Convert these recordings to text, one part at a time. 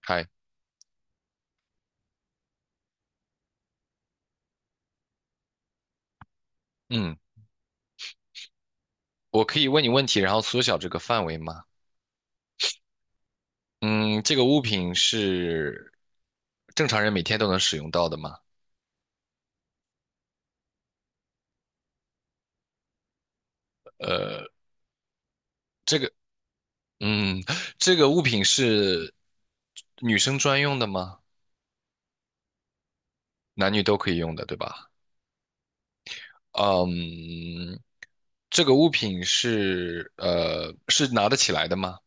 嗨，嗯，我可以问你问题，然后缩小这个范围吗？嗯，这个物品是正常人每天都能使用到的吗？这个，嗯，这个物品是女生专用的吗？男女都可以用的，对吧？嗯，这个物品是拿得起来的吗？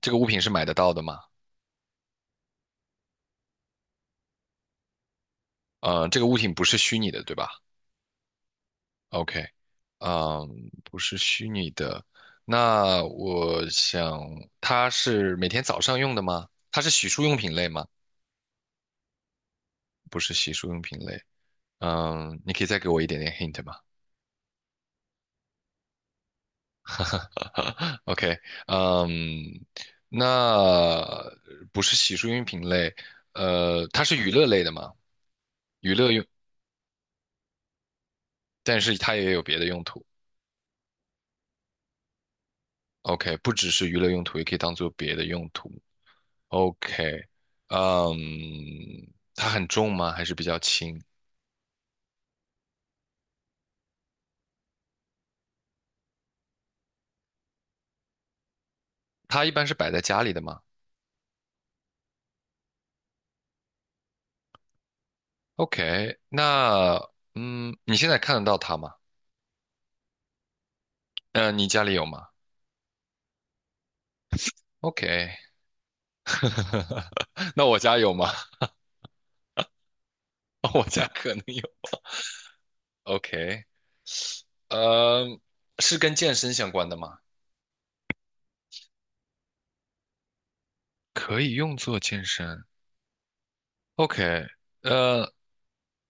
这个物品是买得到的吗？这个物品不是虚拟的，对吧？OK,嗯，不是虚拟的。那我想，它是每天早上用的吗？它是洗漱用品类吗？不是洗漱用品类。嗯，你可以再给我一点点 hint 吗 ？OK,嗯，那不是洗漱用品类，它是娱乐类的吗？娱乐用，但是它也有别的用途。OK,不只是娱乐用途，也可以当做别的用途。OK,嗯，它很重吗？还是比较轻？它一般是摆在家里的吗？OK,那嗯，你现在看得到它吗？嗯、你家里有吗？OK,那我家有吗？我家可能有。OK,呃，是跟健身相关的吗？可以用作健身。OK,呃，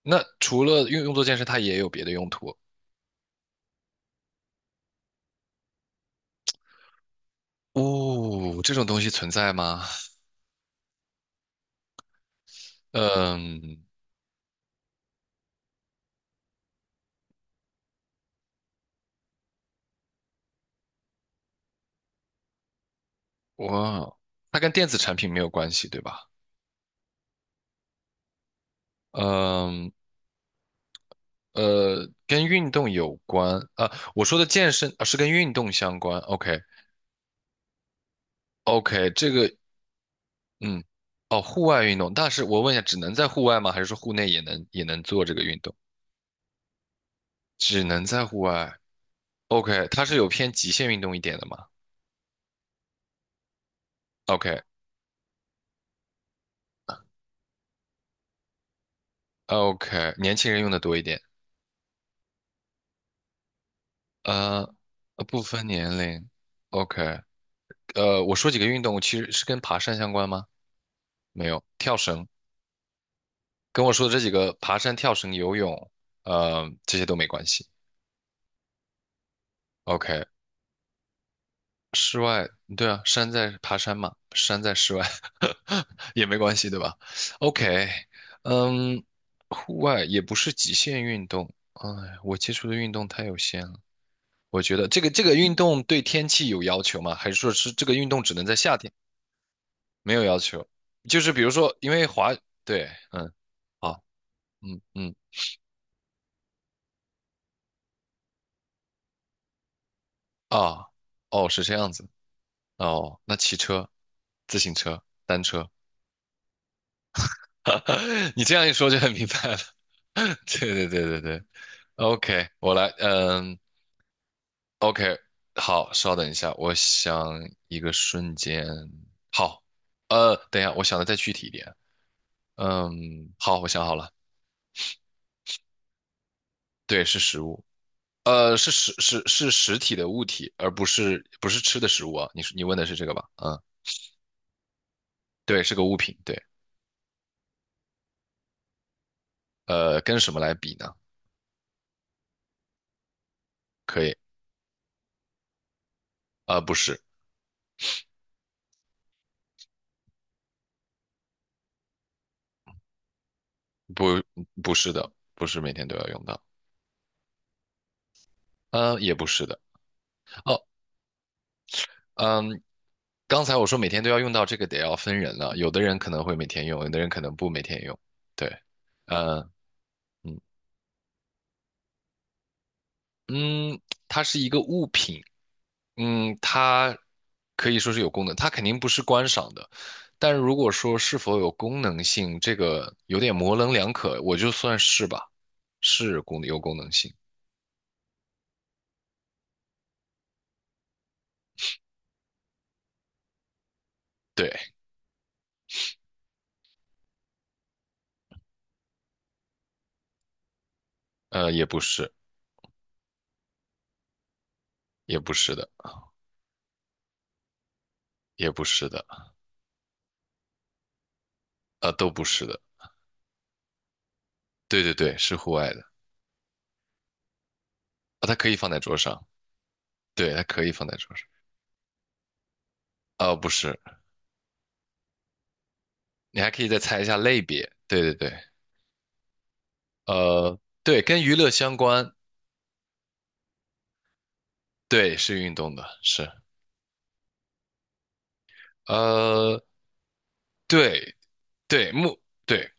那除了用作健身，它也有别的用途。哦，这种东西存在吗？嗯。哇，它跟电子产品没有关系，对吧？嗯，呃，跟运动有关啊。我说的健身啊，是跟运动相关。OK，OK，这个嗯，哦，户外运动，但是我问一下，只能在户外吗？还是说户内也能做这个运动？只能在户外。OK,它是有偏极限运动一点的吗OK，OK，年轻人用的多一点。呃，不分年龄。OK,呃，我说几个运动，其实是跟爬山相关吗？没有，跳绳。跟我说的这几个，爬山、跳绳、游泳，呃，这些都没关系。OK,室外，对啊，山在爬山嘛，山在室外 也没关系，对吧？OK,嗯，户外也不是极限运动。哎，我接触的运动太有限了。我觉得这个运动对天气有要求吗？还是说是这个运动只能在夏天？没有要求，就是比如说，因为滑，对，嗯，好，嗯嗯，啊，哦，是这样子，哦，那骑车。自行车、单车。你这样一说就很明白了。对对对对对，OK,我来，嗯，OK,好，稍等一下，我想一个瞬间，好，呃，等一下，我想的再具体一点，嗯，好，我想好了，对，是食物，呃，是是实体的物体，而不是吃的食物啊，你问的是这个吧？嗯，对，是个物品，对，呃，跟什么来比呢？可以，呃，不是，不不是的，不是每天都要用到。呃，也不是的。哦，嗯，刚才我说每天都要用到这个，得要分人了。有的人可能会每天用，有的人可能不每天用。对，呃，嗯，它是一个物品，嗯，它可以说是有功能，它肯定不是观赏的。但如果说是否有功能性，这个有点模棱两可，我就算是吧，是有功能性。对，呃，也不是，也不是的，也不是的，呃，都不是的。对对对，是户外的，啊，它可以放在桌上。对，它可以放在桌上。呃，不是，你还可以再猜一下类别。对对对，对，跟娱乐相关，对，是运动的，是，呃，对对，对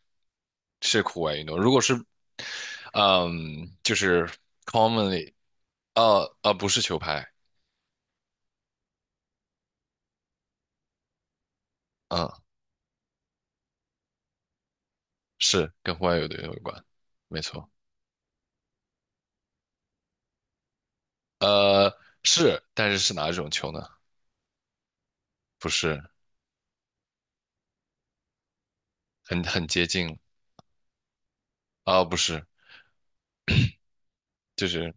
是户外运动。如果是，嗯，就是 commonly,不是球拍，嗯，是跟户外运动有关，没错。呃，是，但是是哪种球呢？不是，很接近了啊、不是，就是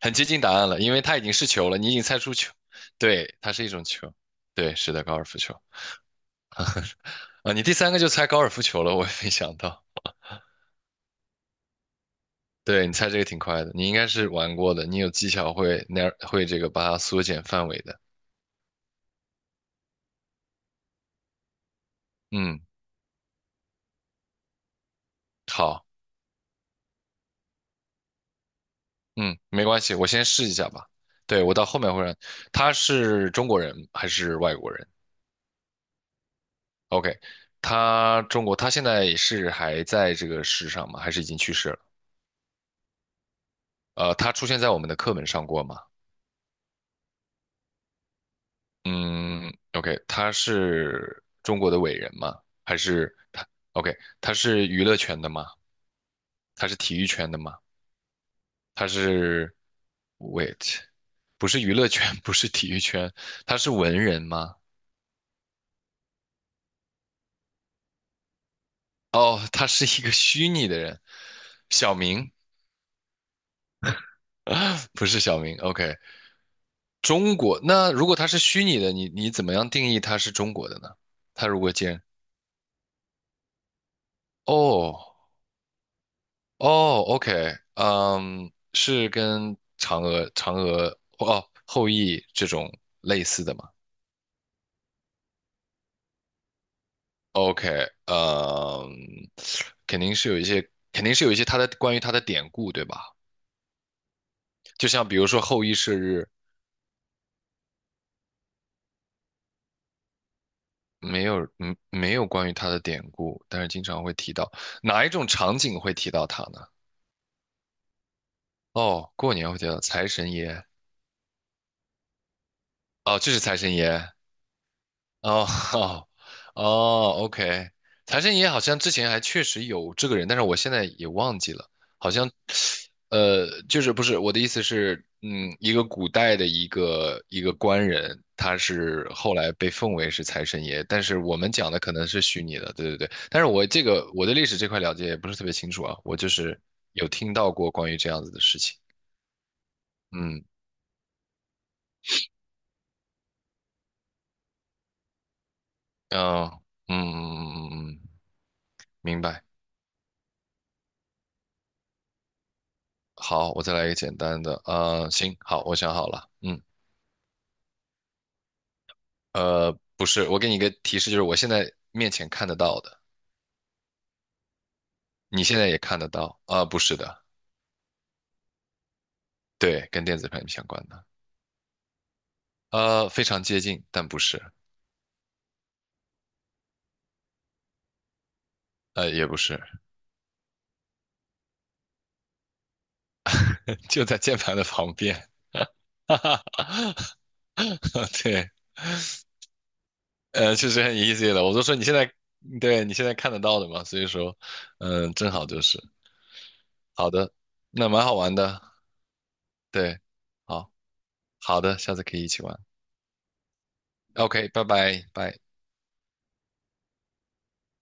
很接近答案了，因为它已经是球了，你已经猜出球，对，它是一种球，对，是的，高尔夫球啊，你第三个就猜高尔夫球了，我也没想到，对，你猜这个挺快的，你应该是玩过的，你有技巧会会这个把它缩减范围的，嗯，好，嗯，没关系，我先试一下吧，对，我到后面会让，他是中国人还是外国人？OK,他中国，他现在是还在这个世上吗？还是已经去世了？呃，他出现在我们的课本上过吗？嗯，OK,他是中国的伟人吗？还是他？OK,他是娱乐圈的吗？他是体育圈的吗？他是，wait,不是娱乐圈，不是体育圈，他是文人吗？哦，他是一个虚拟的人，小明，不是小明。OK,中国，那如果他是虚拟的，你怎么样定义他是中国的呢？他如果既然哦。哦，OK,嗯，是跟嫦娥、后羿这种类似的吗？OK,嗯，肯定是有一些它的关于它的典故，对吧？就像比如说后羿射日，没有，嗯，没有关于他的典故，但是经常会提到哪一种场景会提到他呢？哦，过年会提到财神爷，哦，这是财神爷，哦 哦哦，OK,财神爷好像之前还确实有这个人，但是我现在也忘记了，好像就是不是我的意思是，嗯，一个古代的一个官人，他是后来被奉为是财神爷，但是我们讲的可能是虚拟的，对对对，但是我对历史这块了解也不是特别清楚啊，我就是有听到过关于这样子的事情，嗯，哦，嗯嗯嗯嗯嗯，明白。好，我再来一个简单的。呃，行，好，我想好了。嗯，呃，不是，我给你一个提示，就是我现在面前看得到的，你现在也看得到。啊、不是的，对，跟电子产品相关的。呃，非常接近，但不是，呃，也不是，就在键盘的旁边。哈哈哈，对，呃，确实很 easy 了，我都说你现在，对，你现在看得到的嘛，所以说，嗯、正好就是。好的，那蛮好玩的。对，好，好的，下次可以一起玩。OK,拜拜，拜。